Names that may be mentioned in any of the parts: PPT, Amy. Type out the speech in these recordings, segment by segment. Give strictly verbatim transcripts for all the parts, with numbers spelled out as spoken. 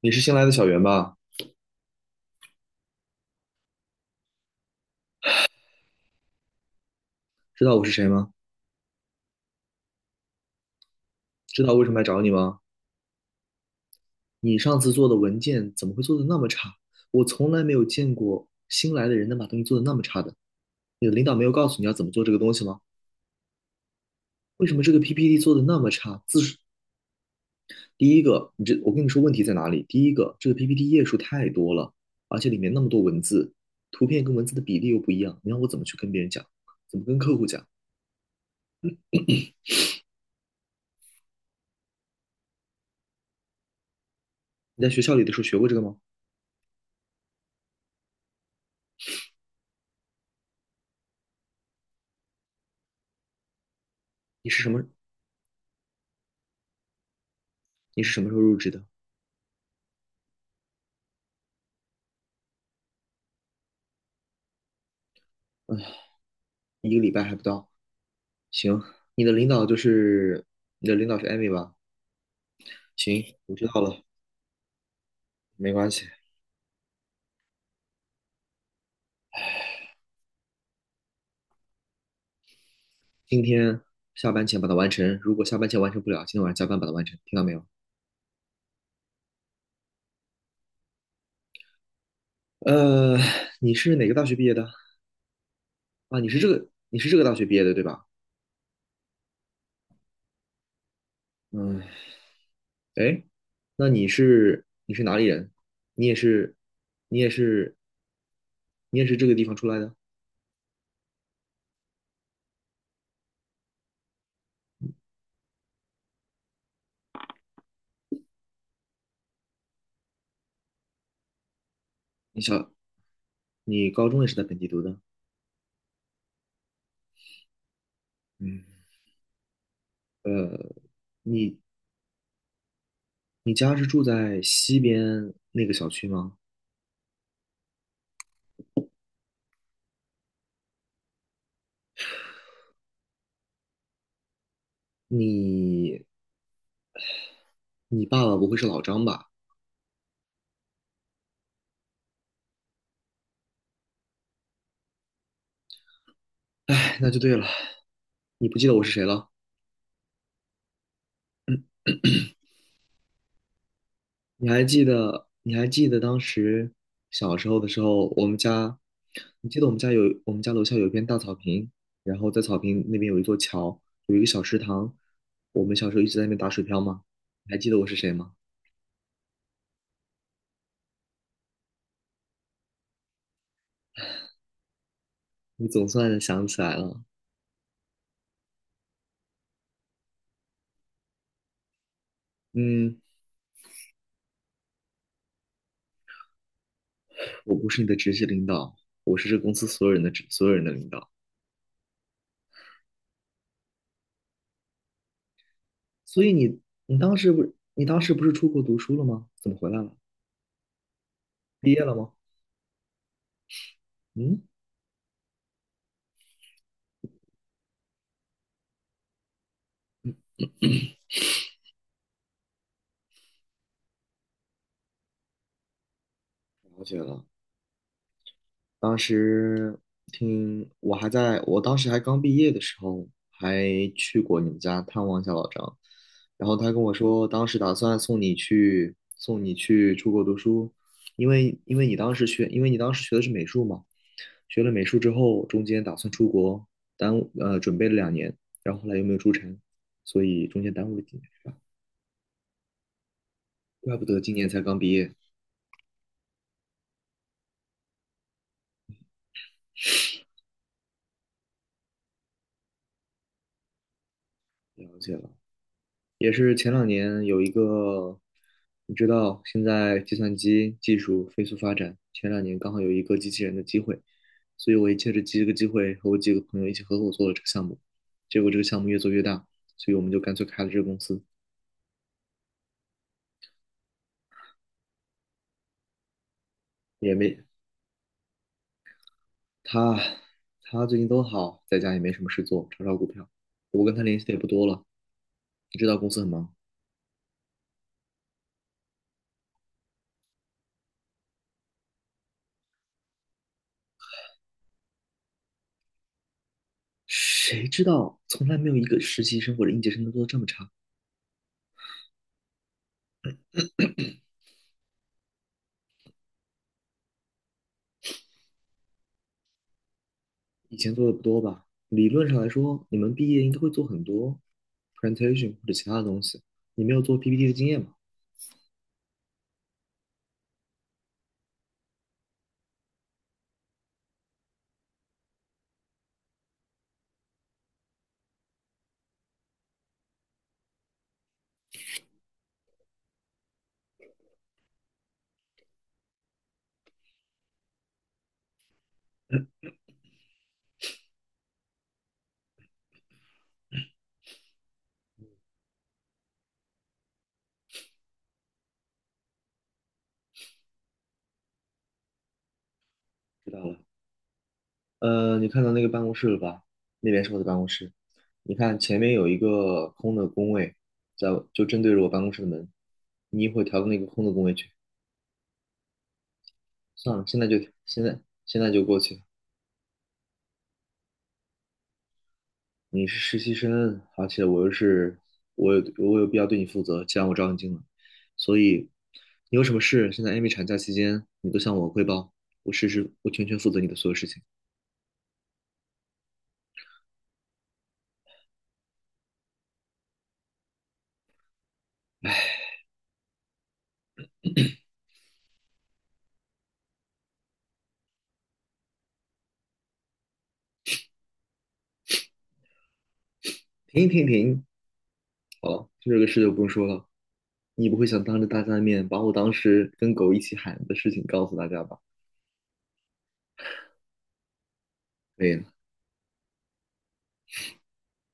你是新来的小袁吧？知道我是谁吗？知道我为什么来找你吗？你上次做的文件怎么会做的那么差？我从来没有见过新来的人能把东西做的那么差的。你的领导没有告诉你要怎么做这个东西吗？为什么这个 P P T 做的那么差？字数，第一个，你这，我跟你说问题在哪里？第一个，这个 P P T 页数太多了，而且里面那么多文字，图片跟文字的比例又不一样，你让我怎么去跟别人讲？怎么跟客户讲？你在学校里的时候学过这个吗？你是什么？你是什么时候入职的？一个礼拜还不到。行，你的领导就是你的领导是艾米吧？行，我知道了，没关系。今天下班前把它完成，如果下班前完成不了，今天晚上加班把它完成，听到没有？呃，你是哪个大学毕业的？啊，你是这个，你是这个大学毕业的对吧？嗯，哎，那你是你是哪里人？你也是，你也是，你也是这个地方出来的？你小，你高中也是在本地读的？嗯，你家是住在西边那个小区吗？你你爸爸不会是老张吧？哎，那就对了。你不记得我是谁了？你还记得？你还记得当时小时候的时候，我们家，你记得我们家有我们家楼下有一片大草坪，然后在草坪那边有一座桥，有一个小池塘，我们小时候一直在那边打水漂吗？你还记得我是谁吗？你总算想起来了。嗯，我不是你的直系领导，我是这公司所有人的直所有人的领导。所以你你当时不你当时不是出国读书了吗？怎么回来了？毕业了吗？嗯，了解了。当时听我还在，我当时还刚毕业的时候，还去过你们家探望一下老张。然后他跟我说，当时打算送你去送你去出国读书，因为因为你当时学，因为你当时学的是美术嘛，学了美术之后，中间打算出国，耽误呃准备了两年，然后后来又没有出成，所以中间耽误了几年，怪不得今年才刚毕业。了解了。也是前两年有一个，你知道，现在计算机技术飞速发展，前两年刚好有一个机器人的机会，所以我也借着这个机会和我几个朋友一起合伙做了这个项目，结果这个项目越做越大，所以我们就干脆开了这个公司，也没他他最近都好，在家也没什么事做，炒炒股票，我跟他联系的也不多了，你知道公司很忙，谁知道从来没有一个实习生或者应届生能做的这么差。以前做的不多吧？理论上来说，你们毕业应该会做很多 presentation 或者其他的东西。你没有做 P P T 的经验吗？知道了。呃，你看到那个办公室了吧？那边是我的办公室。你看前面有一个空的工位，在就正对着我办公室的门。你一会儿调到那个空的工位去。算了，现在就现在现在就过去。你是实习生，而且我又是我有我有必要对你负责，既然我招你进来，所以你有什么事，现在 Amy 产假期间，你都向我汇报，我实时我全权负责你的所有事情。停停停，好了，这个事就不用说了，你不会想当着大家的面把我当时跟狗一起喊的事情告诉大家吧？可以了，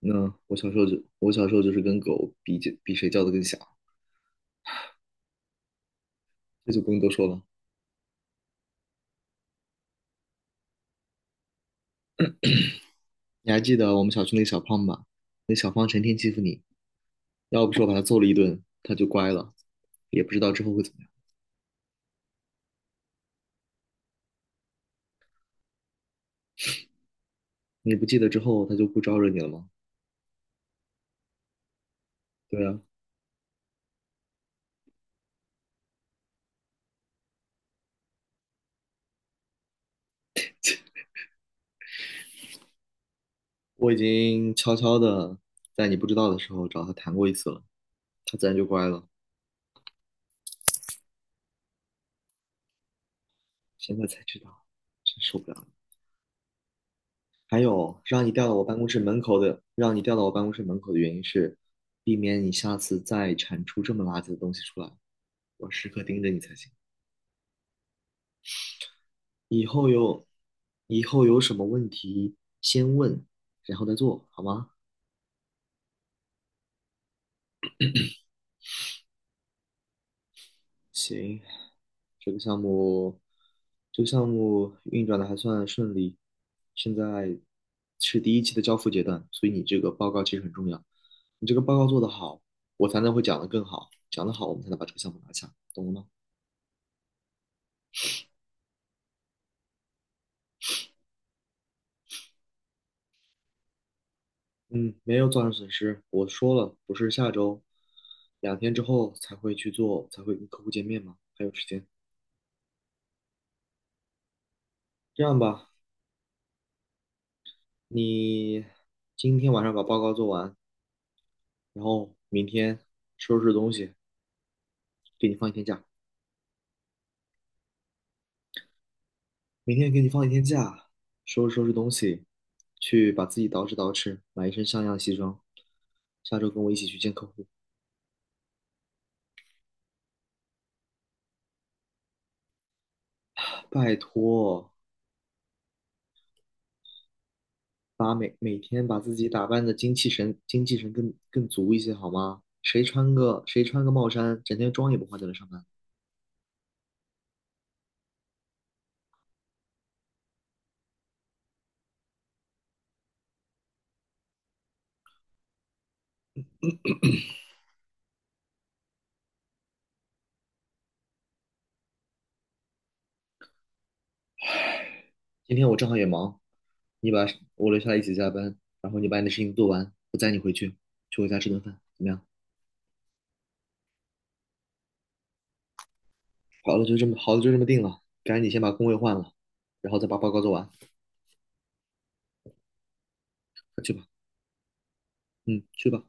那我小时候就我小时候就是跟狗比比谁叫的更响，这就不用多说了。你还记得我们小区那个小胖吧？那小胖成天欺负你。要不是我把他揍了一顿，他就乖了，也不知道之后会怎么样。你不记得之后他就不招惹你了吗？对啊，我已经悄悄的在你不知道的时候找他谈过一次了，他自然就乖了。现在才知道，真受不了了还有，让你调到我办公室门口的，让你调到我办公室门口的原因是，避免你下次再产出这么垃圾的东西出来。我时刻盯着你才行。以后有，以后有什么问题先问，然后再做，好吗？行，这个项目，这个项目运转的还算顺利，现在是第一期的交付阶段，所以你这个报告其实很重要。你这个报告做得好，我才能会讲得更好，讲得好，我们才能把这个项目拿下，懂了吗？嗯，没有造成损失，我说了，不是下周，两天之后才会去做，才会跟客户见面嘛，还有时间。这样吧，你今天晚上把报告做完，然后明天收拾东西，给你放一天假。明天给你放一天假，收拾收拾东西，去把自己捯饬捯饬，买一身像样的西装。下周跟我一起去见客户。拜托，把每每天把自己打扮的精气神、精气神更更足一些好吗？谁穿个谁穿个帽衫，整天妆也不化就来上班？今天我正好也忙，你把我留下来一起加班，然后你把你的事情做完，去我家吃顿饭，怎么样？好了，就这么好了，就这么定了。赶紧先把工位换了，然后再把报告做完。快去吧，嗯，去吧。